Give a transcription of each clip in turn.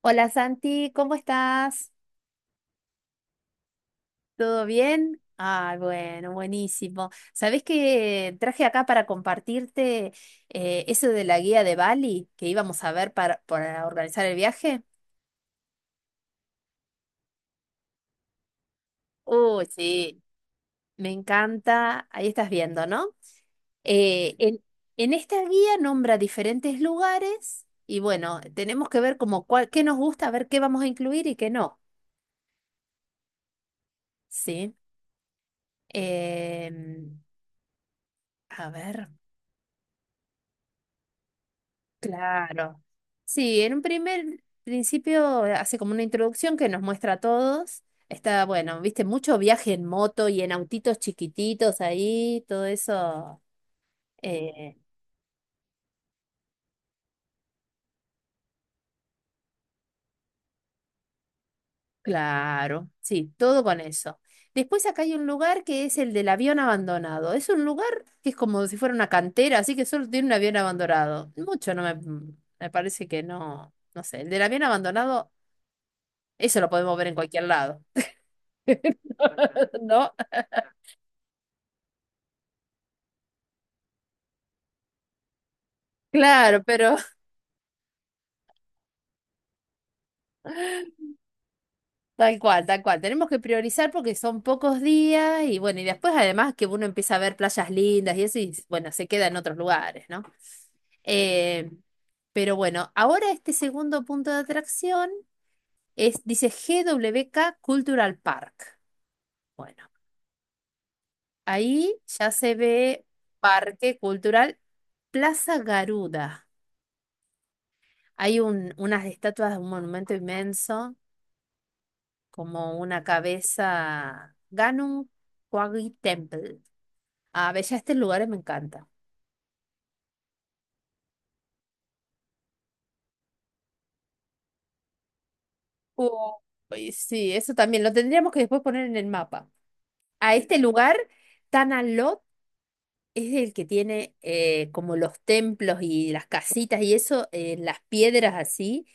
Hola Santi, ¿cómo estás? ¿Todo bien? Ah, bueno, buenísimo. ¿Sabés que traje acá para compartirte eso de la guía de Bali que íbamos a ver para organizar el viaje? Uy, sí, me encanta. Ahí estás viendo, ¿no? Eh, en, en esta guía nombra diferentes lugares y bueno, tenemos que ver como cuál, qué nos gusta, a ver qué vamos a incluir y qué no. Sí. Em, a ver. Claro. Sí, en un primer principio hace como una introducción que nos muestra a todos. Está, bueno, viste, mucho viaje en moto y en autitos chiquititos ahí, todo eso. eh, claro, sí, todo con eso. Después acá hay un lugar que es el del avión abandonado. Es un lugar que es como si fuera una cantera, así que solo tiene un avión abandonado. Mucho no me, Me parece que no, no sé. El del avión abandonado, eso lo podemos ver en cualquier lado. ¿No? Claro, pero tal cual, tal cual. Tenemos que priorizar porque son pocos días y bueno, y después además que uno empieza a ver playas lindas y eso y bueno, se queda en otros lugares, ¿no? Eh, pero bueno, ahora este segundo punto de atracción es, dice GWK Cultural Park. Bueno, ahí ya se ve Parque Cultural Plaza Garuda. Hay unas estatuas, un monumento inmenso como una cabeza Ganun Kwagi Temple. Ah, ve, ya este lugar me encanta. Uy, sí, eso también lo tendríamos que después poner en el mapa. A este lugar, Tanalot es el que tiene como los templos y las casitas y eso, las piedras así,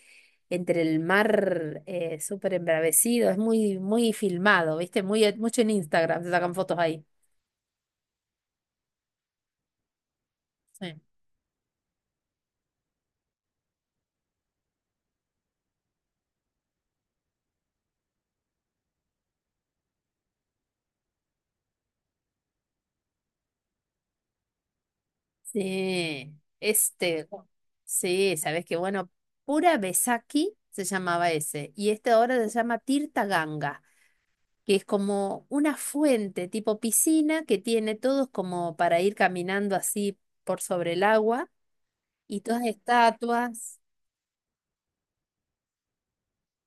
entre el mar súper embravecido. Es muy, muy filmado, ¿viste? Muy, mucho en Instagram, se sacan fotos ahí. Sí. Sí, este, sí, sabes que bueno, Pura Besaki se llamaba ese, y este ahora se llama Tirta Ganga, que es como una fuente tipo piscina que tiene todos como para ir caminando así por sobre el agua, y todas estatuas,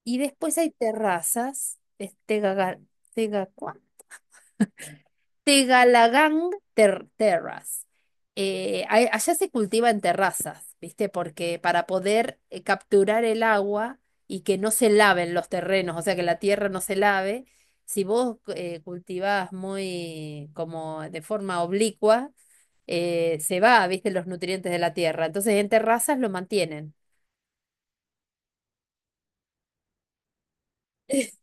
y después hay terrazas, este Tegalagang Terrace. Allá se cultiva en terrazas, ¿viste? Porque para poder capturar el agua y que no se laven los terrenos, o sea, que la tierra no se lave, si vos cultivás muy como de forma oblicua, se va, ¿viste? Los nutrientes de la tierra. Entonces en terrazas lo mantienen.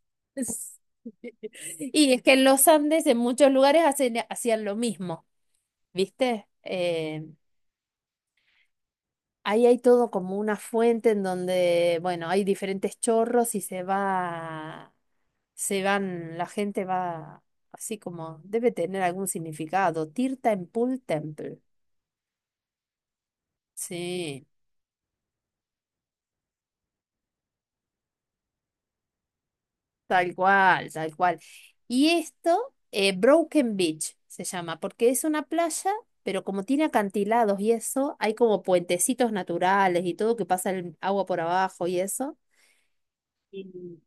Sí. Y es que en los Andes, en muchos lugares, hacían lo mismo, ¿viste? Ahí hay todo como una fuente en donde, bueno, hay diferentes chorros y se va, se van, la gente va así como, debe tener algún significado. Tirta en Pool Temple. Sí, tal cual, tal cual. Y esto, Broken Beach se llama, porque es una playa, pero como tiene acantilados y eso, hay como puentecitos naturales y todo que pasa el agua por abajo y eso. Y-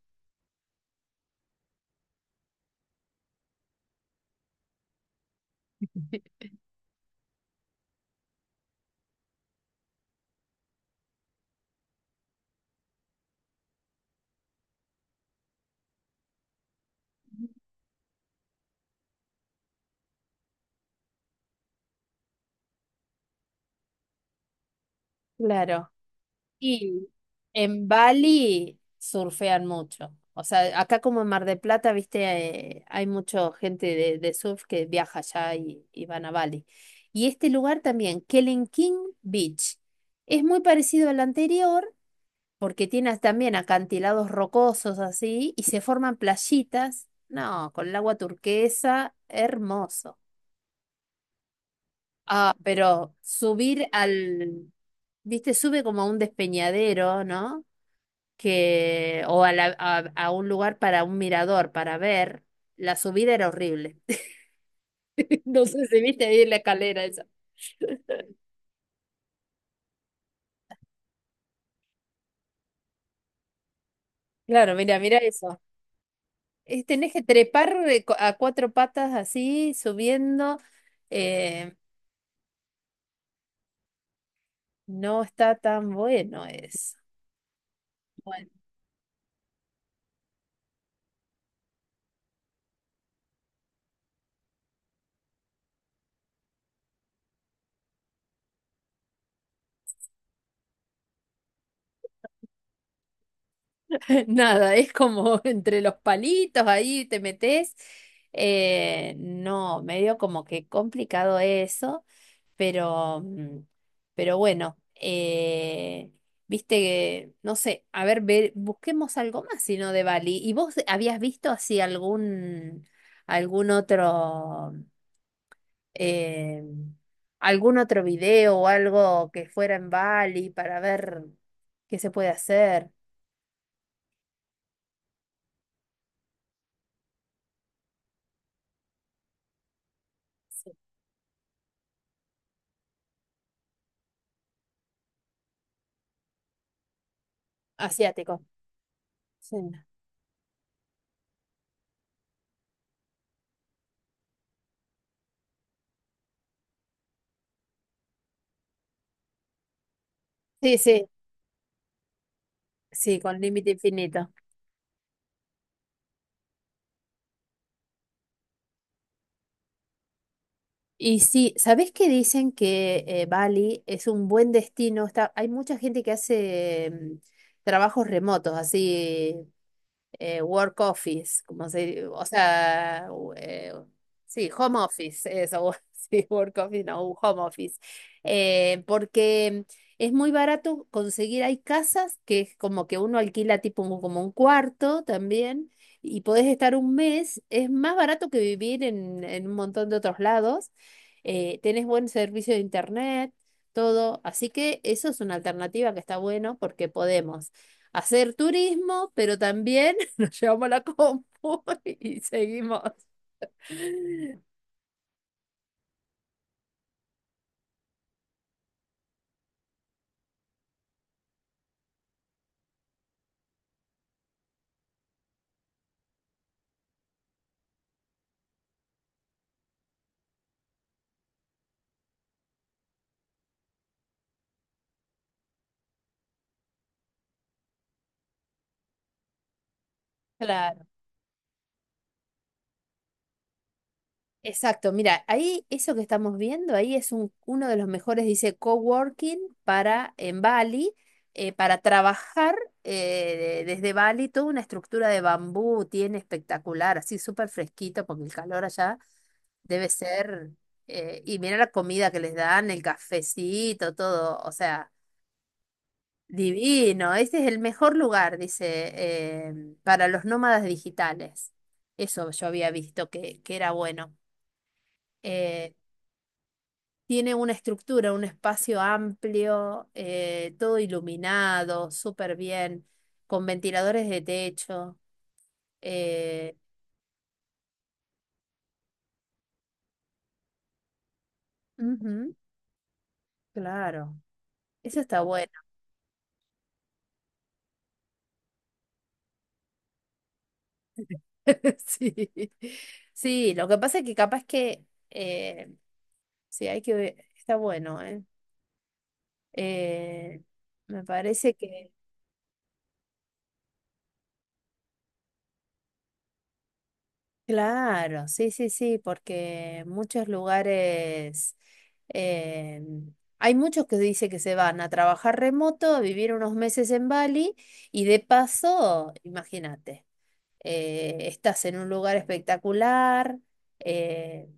Claro. Y en Bali surfean mucho. O sea, acá como en Mar del Plata, viste, hay mucha gente de surf que viaja allá y van a Bali. Y este lugar también, Kelenking Beach, es muy parecido al anterior porque tiene también acantilados rocosos así y se forman playitas, no, con el agua turquesa, hermoso. Ah, pero subir al, Viste, sube como a un despeñadero, ¿no? que, o a, la- a un lugar para un mirador, para ver, la subida era horrible. No sé si viste ahí la escalera esa. Claro, mira, mira eso. Tenés que trepar a cuatro patas así, subiendo. eh, no está tan bueno eso. Bueno, nada, es como entre los palitos ahí te metes. No, medio como que complicado eso. Pero, mm, pero bueno, viste que, no sé, a ver, busquemos algo más, sino de Bali. ¿Y vos habías visto así algún otro, eh, algún otro video o algo que fuera en Bali para ver qué se puede hacer? Sí. Asiático. Sí, sí, sí, sí, con límite infinito. Y sí, ¿sabés que dicen que Bali es un buen destino? Está, hay mucha gente que hace trabajos remotos, así work office, como se, o sea, sí, home office, eso, sí, work office, no, un home office. Porque es muy barato conseguir, hay casas que es como que uno alquila tipo como un cuarto también, y podés estar un mes, es más barato que vivir en un montón de otros lados. Tenés buen servicio de internet, todo, así que eso es una alternativa que está bueno porque podemos hacer turismo, pero también yo me la compu y seguimos. Claro, exacto. Mira, ahí eso que estamos viendo, ahí es uno de los mejores, dice, coworking para en Bali, para trabajar desde Bali, toda una estructura de bambú tiene espectacular, así súper fresquito, porque el calor allá debe ser, y mira la comida que les dan, el cafecito, todo, o sea. Divino, este es el mejor lugar, dice, para los nómadas digitales. Eso yo había visto que era bueno. Eh, Tiene una estructura, un espacio amplio, todo iluminado, súper bien, con ventiladores de techo. eh, Ujú, claro, eso está bueno. Sí. Sí, lo que pasa es que capaz que eh, sí, hay que ver, está bueno, ¿eh? Eh, Me parece que, claro, sí, sí, sí, porque muchos lugares, eh, hay muchos que dicen que se van a trabajar remoto, a vivir unos meses en Bali y de paso, imagínate, estás en un lugar espectacular, eh,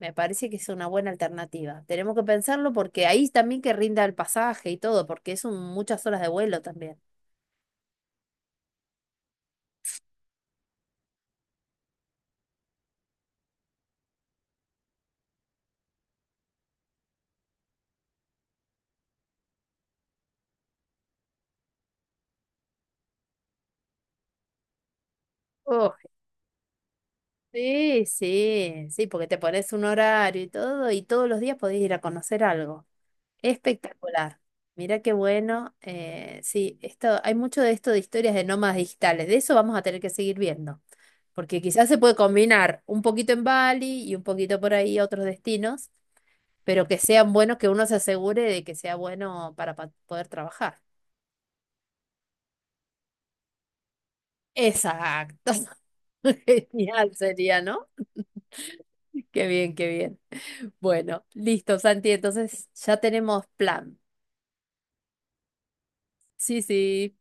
me parece que es una buena alternativa. Tenemos que pensarlo porque ahí también que rinda el pasaje y todo, porque es muchas horas de vuelo también. Sí, sí, sí, porque te pones un horario y todo, y todos los días podés ir a conocer algo. Espectacular. Mira qué bueno. Sí, esto, hay mucho de esto de historias de nómadas digitales. De eso vamos a tener que seguir viendo. Porque quizás se puede combinar un poquito en Bali y un poquito por ahí otros destinos, pero que sean buenos, que uno se asegure de que sea bueno para poder trabajar. Exacto. Genial sería, ¿no? Qué bien, qué bien. Bueno, listo, Santi, entonces ya tenemos plan. Sí, sí.